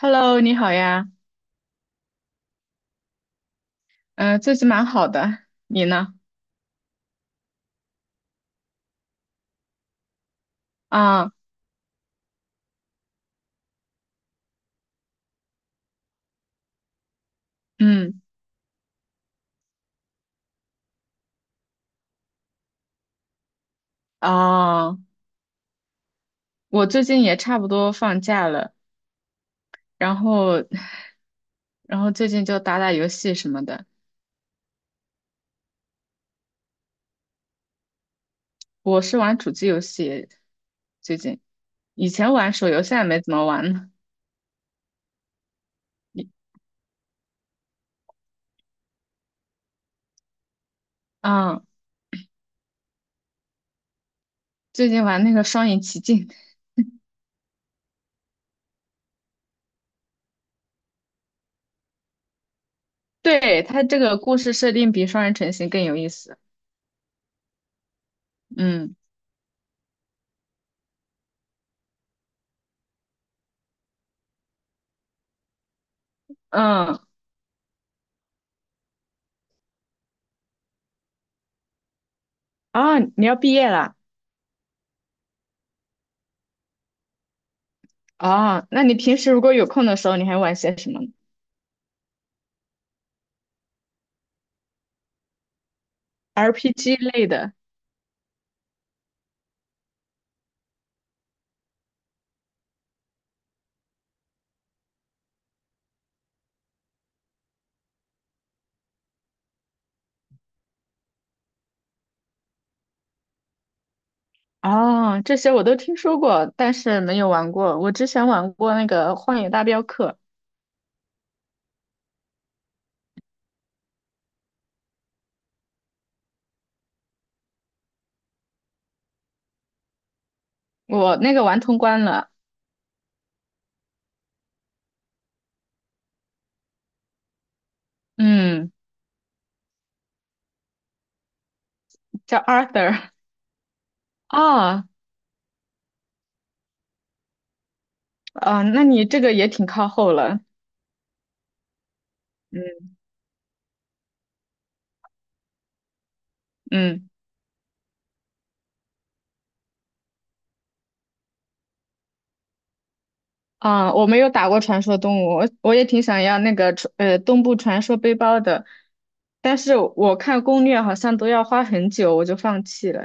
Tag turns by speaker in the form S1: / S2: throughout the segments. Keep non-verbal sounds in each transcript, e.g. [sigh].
S1: Hello，你好呀，嗯，最近蛮好的，你呢？啊，嗯，哦，我最近也差不多放假了，然后，[laughs] 然后最近就打打游戏什么的。我是玩主机游戏，最近，以前玩手游，现在没怎么玩了。你，啊，最近玩那个《双影奇境》，[laughs] 对，它这个故事设定比《双人成行》更有意思。嗯嗯，啊，你要毕业了？哦，那你平时如果有空的时候，你还玩些什么呢？ RPG 类的。哦，这些我都听说过，但是没有玩过。我之前玩过那个《荒野大镖客》，我那个玩通关了。嗯，叫 Arthur。啊啊，那你这个也挺靠后了。嗯嗯啊，我没有打过传说动物，我也挺想要那个东部传说背包的，但是我看攻略好像都要花很久，我就放弃了。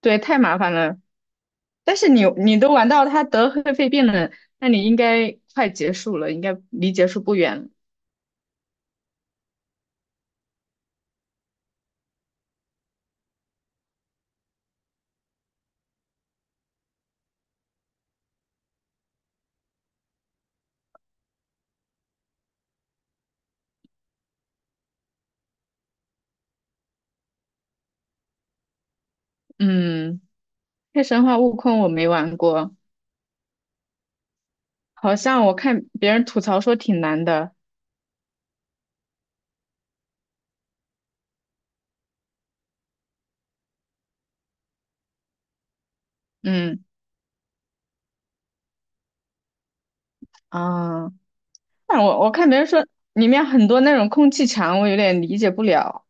S1: 对，太麻烦了。但是你都玩到他得黑肺病了，那你应该快结束了，应该离结束不远了。嗯，黑神话悟空我没玩过，好像我看别人吐槽说挺难的。嗯啊，但我看别人说里面很多那种空气墙，我有点理解不了。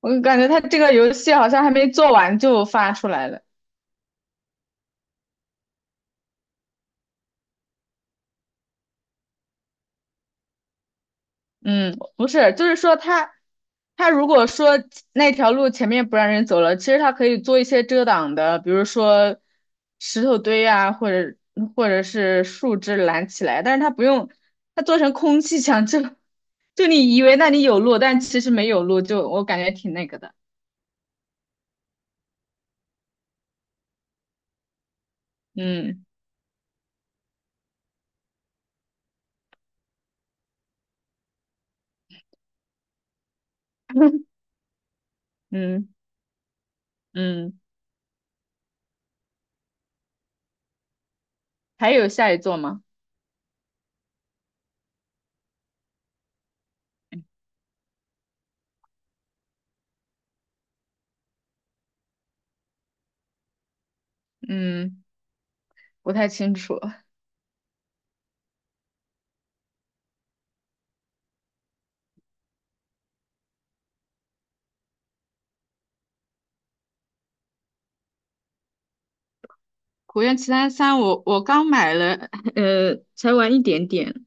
S1: 我感觉他这个游戏好像还没做完就发出来了。嗯，不是，就是说他，他如果说那条路前面不让人走了，其实他可以做一些遮挡的，比如说石头堆啊，或者是树枝拦起来，但是他不用，他做成空气墙，就你以为那里有路，但其实没有路，就我感觉挺那个的。嗯嗯嗯，还有下一座吗？嗯，不太清楚。[laughs]《古月奇谭三》我刚买了，才玩一点点。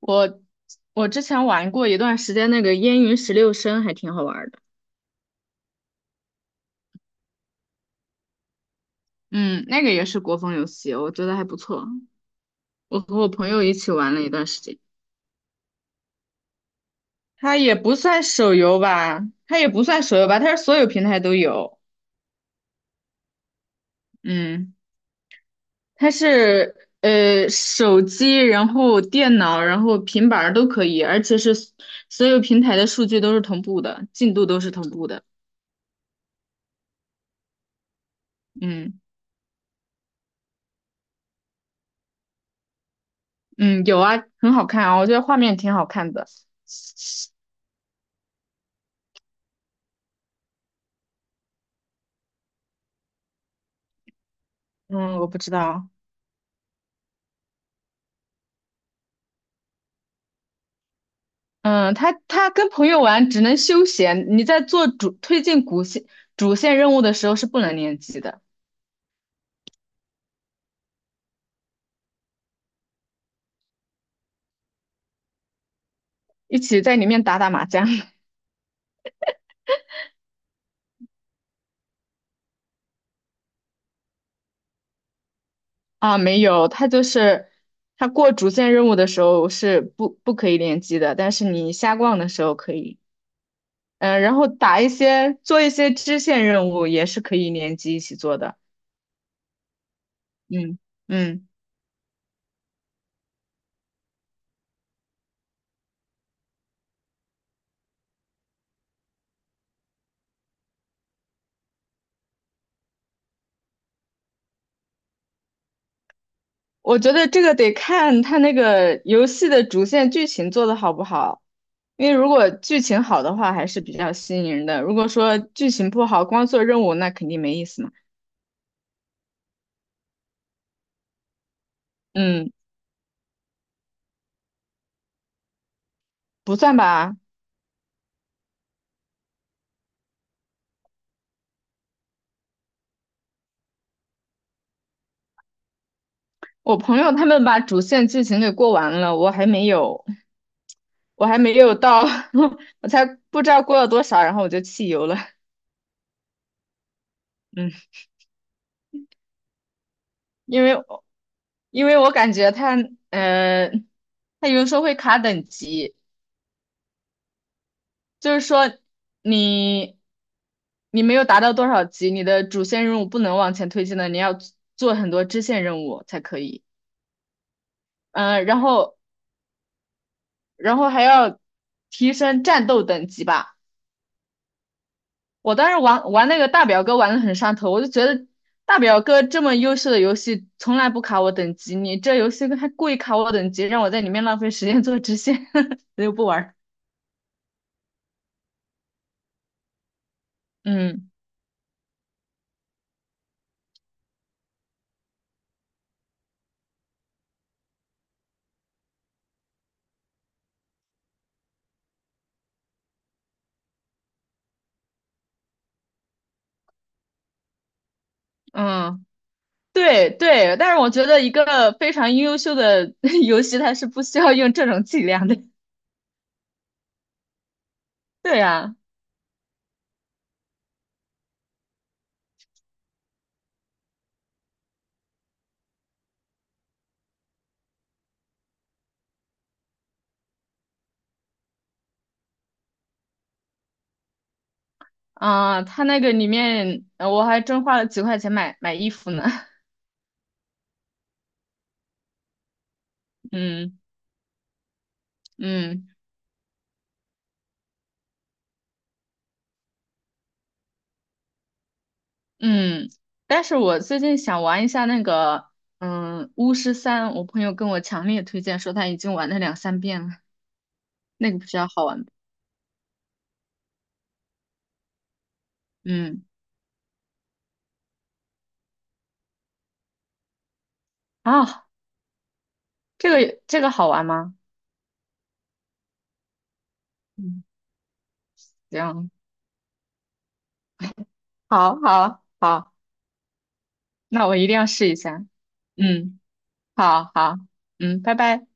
S1: 我我之前玩过一段时间那个《烟云十六声》，还挺好玩的。嗯，那个也是国风游戏，我觉得还不错。我和我朋友一起玩了一段时间。它也不算手游吧，它也不算手游吧，它是所有平台都有。嗯，它是手机，然后电脑，然后平板儿都可以，而且是所有平台的数据都是同步的，进度都是同步的。嗯嗯，有啊，很好看啊，我觉得画面挺好看的。嗯，我不知道。嗯，他跟朋友玩只能休闲，你在推进主线任务的时候是不能联机的，一起在里面打打麻将。 [laughs] 啊，没有，他就是他过主线任务的时候是不可以联机的，但是你瞎逛的时候可以，嗯，然后打一些做一些支线任务也是可以联机一起做的，嗯嗯，我觉得这个得看他那个游戏的主线剧情做的好不好。因为如果剧情好的话，还是比较吸引人的。如果说剧情不好，光做任务，那肯定没意思嘛。嗯，不算吧。我朋友他们把主线剧情给过完了，我还没有，我还没有到，[laughs] 我才不知道过了多少，然后我就弃游了。嗯，因为因为我感觉呃，他有的时候会卡等级，就是说你你没有达到多少级，你的主线任务不能往前推进的，你要做很多支线任务才可以。嗯，然后还要提升战斗等级吧。我当时玩那个大表哥玩的很上头，我就觉得大表哥这么优秀的游戏从来不卡我等级，你这游戏还故意卡我等级，让我在里面浪费时间做支线，[laughs] 所以我不玩儿。嗯嗯。对对，但是我觉得一个非常优秀的 [laughs] 游戏，它是不需要用这种伎俩的。[laughs] 对呀，啊，它那个里面，我还真花了几块钱买衣服呢。[laughs] 嗯嗯嗯，但是我最近想玩一下那个，嗯，巫师三，我朋友跟我强烈推荐说他已经玩了两三遍了，那个比较好玩。嗯，啊，这个好玩吗？嗯，行，好，好，好，那我一定要试一下。嗯。好好，嗯，拜拜。